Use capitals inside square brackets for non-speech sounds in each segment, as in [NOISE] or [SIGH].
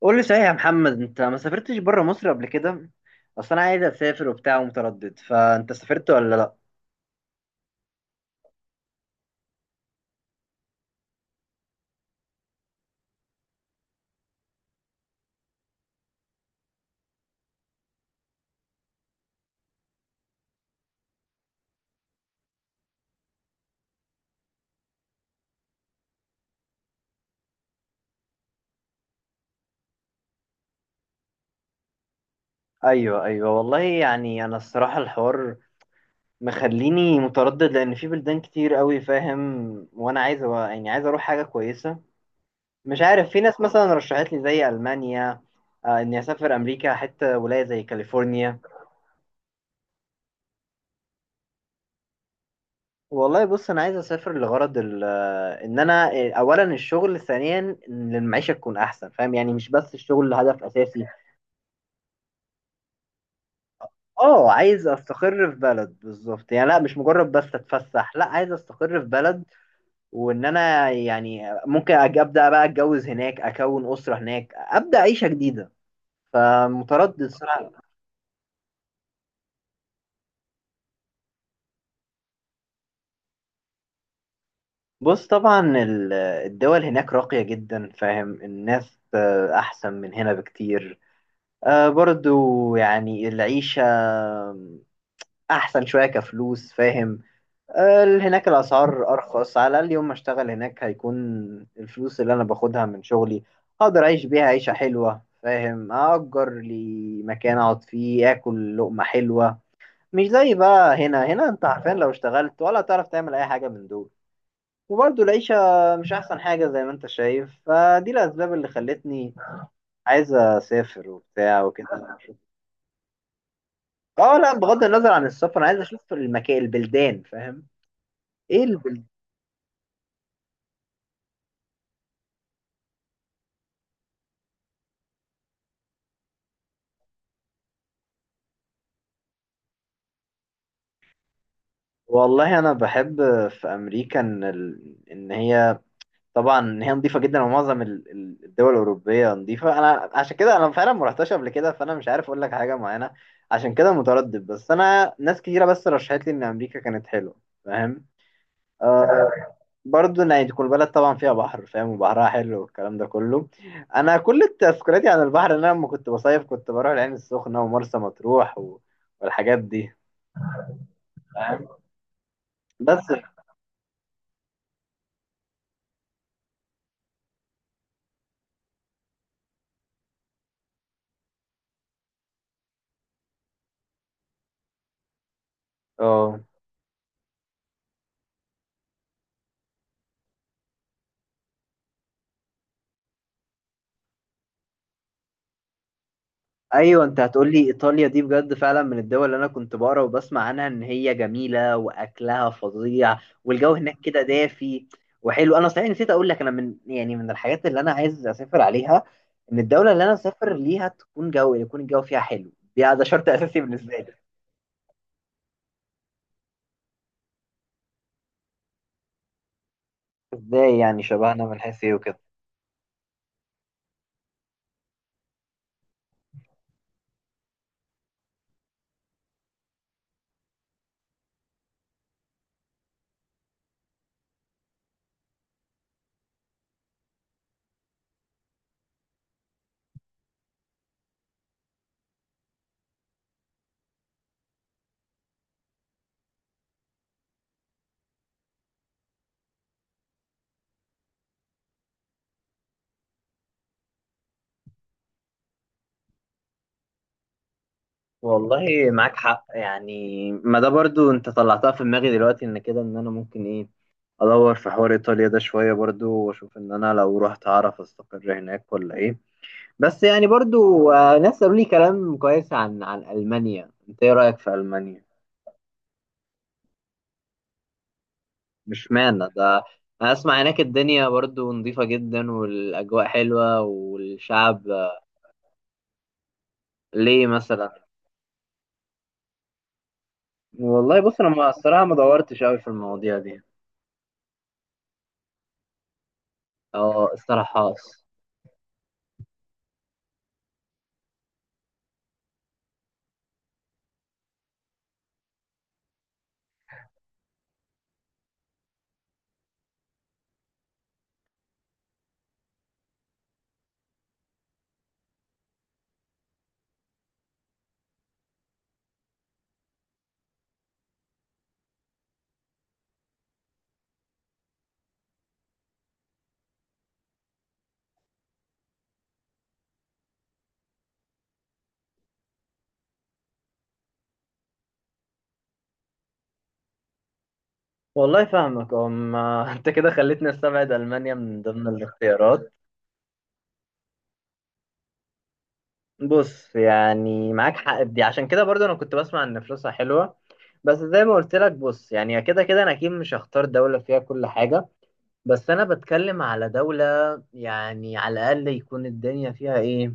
قول لي صحيح يا محمد، انت ما سافرتش بره مصر قبل كده؟ اصل انا عايز اسافر وبتاع ومتردد، فانت سافرت ولا لا؟ ايوه ايوه، والله يعني انا الصراحه الحوار مخليني متردد، لان في بلدان كتير قوي فاهم. وانا عايز يعني عايز اروح حاجه كويسه. مش عارف، في ناس مثلا رشحت لي زي المانيا. اني اسافر امريكا، حتى ولايه زي كاليفورنيا. والله بص، انا عايز اسافر لغرض ان انا اولا الشغل، ثانيا ان المعيشه تكون احسن. فاهم يعني مش بس الشغل هدف اساسي. اه، عايز استقر في بلد بالظبط، يعني لا مش مجرد بس اتفسح، لا عايز استقر في بلد. وان انا يعني ممكن ابدا بقى، اتجوز هناك، اكون اسره هناك، ابدا عيشه جديده. فمتردد صراحه. بص طبعا الدول هناك راقيه جدا فاهم، الناس احسن من هنا بكتير. برضو يعني العيشه احسن شويه كفلوس فاهم. هناك الأسعار أرخص، على الأقل يوم ما أشتغل هناك هيكون الفلوس اللي أنا باخدها من شغلي أقدر أعيش بيها عيشة حلوة فاهم. أأجر لي مكان أقعد فيه، آكل لقمة حلوة، مش زي بقى هنا أنت عارفين، لو اشتغلت ولا تعرف تعمل أي حاجة من دول. وبرضه العيشة مش أحسن حاجة زي ما أنت شايف. فدي الأسباب اللي خلتني عايز أسافر وبتاع وكده. أه لا، بغض النظر عن السفر أنا عايز أشوف المكان البلدان فاهم ايه. والله انا بحب في امريكا ان هي طبعا ان هي نظيفه جدا. ومعظم الدول الاوروبيه نظيفه. انا عشان كده انا فعلا ما رحتش قبل كده، فانا مش عارف اقول لك حاجه معينه. عشان كده متردد. بس انا ناس كتيره بس رشحت لي ان امريكا كانت حلوه فاهم. آه برضه ان يعني تكون البلد طبعا فيها بحر فاهم، وبحرها حلو والكلام ده كله. انا كل تذكرياتي عن البحر ان انا لما كنت بصيف كنت بروح العين السخنه ومرسى مطروح والحاجات دي فاهم. بس اه، ايوه. انت هتقول لي ايطاليا، دي بجد فعلا من الدول اللي انا كنت بقرا وبسمع عنها ان هي جميله واكلها فظيع والجو هناك كده دافي وحلو. انا صحيح نسيت اقول لك، انا من يعني من الحاجات اللي انا عايز اسافر عليها، ان الدوله اللي انا اسافر ليها تكون جو يكون الجو فيها حلو. دي ده شرط اساسي بالنسبه لي. ازاي يعني شبهنا، من حيث ايه وكده؟ والله معاك حق، يعني ما ده برضو انت طلعتها في دماغي دلوقتي، ان كده ان انا ممكن ايه ادور في حوار ايطاليا ده شويه برضو، واشوف ان انا لو رحت اعرف استقر هناك ولا ايه. بس يعني برضو ناس قالوا لي كلام كويس عن المانيا. انت ايه رايك في المانيا؟ مش معنى ده. انا اسمع هناك الدنيا برضو نظيفه جدا والاجواء حلوه والشعب ليه مثلا؟ والله بص انا الصراحه ما دورتش قوي في المواضيع دي. اه الصراحه. والله فاهمك. [LAUGHS] انت كده خليتني استبعد المانيا من ضمن الاختيارات. بص يعني معاك حق في دي، عشان كده برضو انا كنت بسمع ان فلوسها حلوه. بس زي ما قلت لك بص، يعني كده كده انا اكيد مش هختار دوله فيها كل حاجه، بس انا بتكلم على دوله يعني على الاقل يكون الدنيا فيها ايه،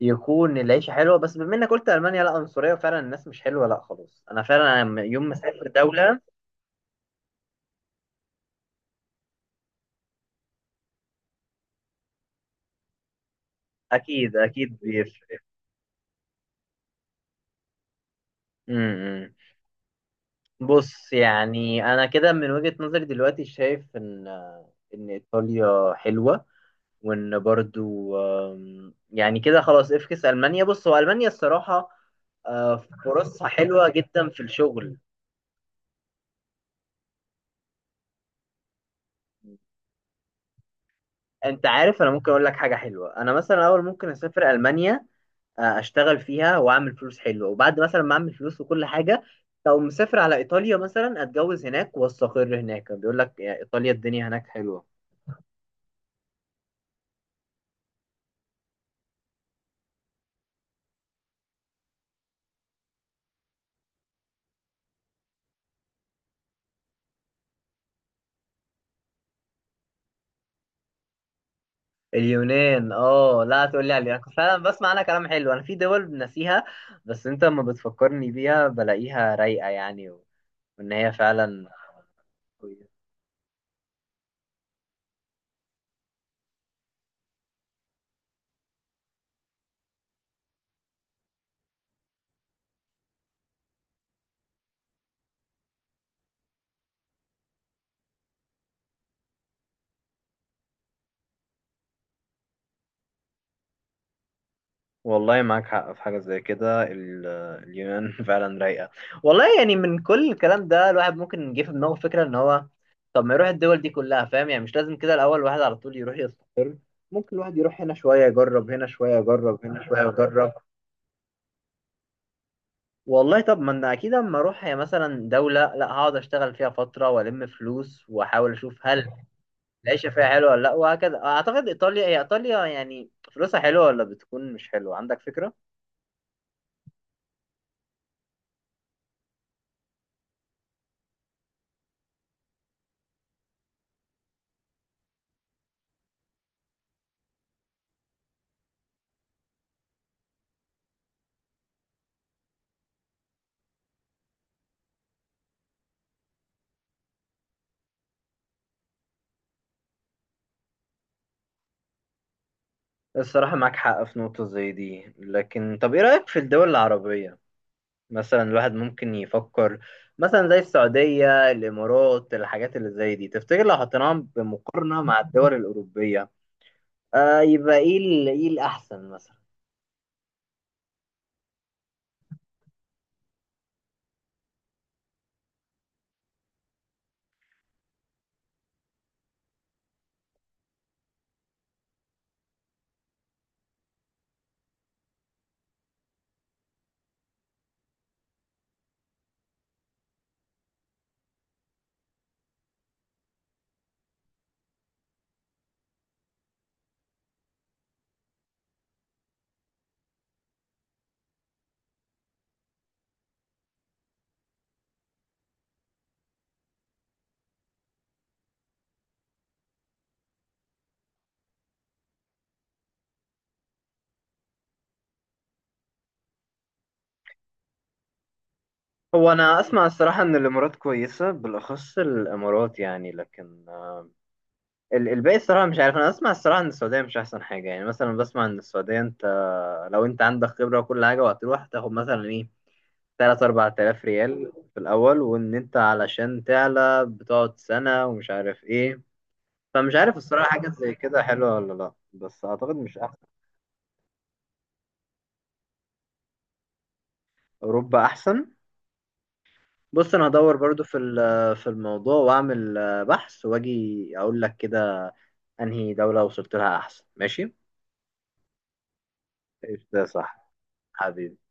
يكون العيشه حلوه. بس بما انك قلت المانيا لا عنصريه وفعلا الناس مش حلوه، لا خلاص انا فعلا يوم ما اسافر دوله. اكيد اكيد بيفرق. امم بص يعني انا كده من وجهه نظري دلوقتي شايف ان ان ايطاليا حلوه، وان برضو، يعني كده خلاص افكس المانيا. بص هو المانيا الصراحه آه، فرصها حلوه جدا في الشغل. انت عارف انا ممكن اقول لك حاجه حلوه، انا مثلا اول ممكن اسافر المانيا، اشتغل فيها واعمل فلوس حلوه، وبعد مثلا ما اعمل فلوس وكل حاجه لو مسافر على ايطاليا مثلا، اتجوز هناك واستقر هناك. بيقول لك يا ايطاليا الدنيا هناك حلوه. اليونان اه لا، تقول لي على اليونان، كنت فعلا بسمع عنها كلام حلو، انا في دول ناسيها. بس انت لما بتفكرني بيها، بلاقيها رايقه يعني، وان هي فعلا كويسة. والله معاك حق في حاجة زي كده اليونان [LAUGHS] فعلا رايقة. والله يعني من كل الكلام ده الواحد ممكن يجي في دماغه فكرة ان هو، طب ما يروح الدول دي كلها فاهم. يعني مش لازم كده الاول الواحد على طول يروح يصل، ممكن الواحد يروح هنا شوية يجرب، هنا شوية يجرب، هنا شوية يجرب. والله طب ما انا اكيد اما اروح هي مثلا دوله، لا هقعد اشتغل فيها فتره والم فلوس واحاول اشوف هل العيشه فيها حلوه ولا لا، وهكذا. اعتقد ايطاليا هي ايطاليا يعني، فلوسها حلوه ولا بتكون مش حلوه، عندك فكره؟ الصراحه معاك حق في نقطه زي دي، لكن طب ايه رايك في الدول العربيه؟ مثلا الواحد ممكن يفكر، مثلا زي السعوديه، الامارات، الحاجات اللي زي دي، تفتكر لو حطيناهم بمقارنه مع الدول الاوروبيه، آه يبقى ايه ايه الاحسن مثلا؟ هو انا اسمع الصراحه ان الامارات كويسه بالاخص الامارات يعني، لكن الباقي الصراحه مش عارف. انا اسمع الصراحه ان السعوديه مش احسن حاجه، يعني مثلا بسمع ان السعوديه انت لو انت عندك خبره وكل حاجه، وهتروح تاخد مثلا ايه 3 4000 ريال في الاول، وان انت علشان تعلى بتقعد سنه ومش عارف ايه. فمش عارف الصراحه حاجه زي كده حلوه ولا لا، بس اعتقد مش احسن. اوروبا احسن. بص انا هدور برضو في في الموضوع، واعمل بحث واجي اقول لك كده انهي دولة وصلت لها احسن، ماشي. ايش ده صح؟ حبيبي.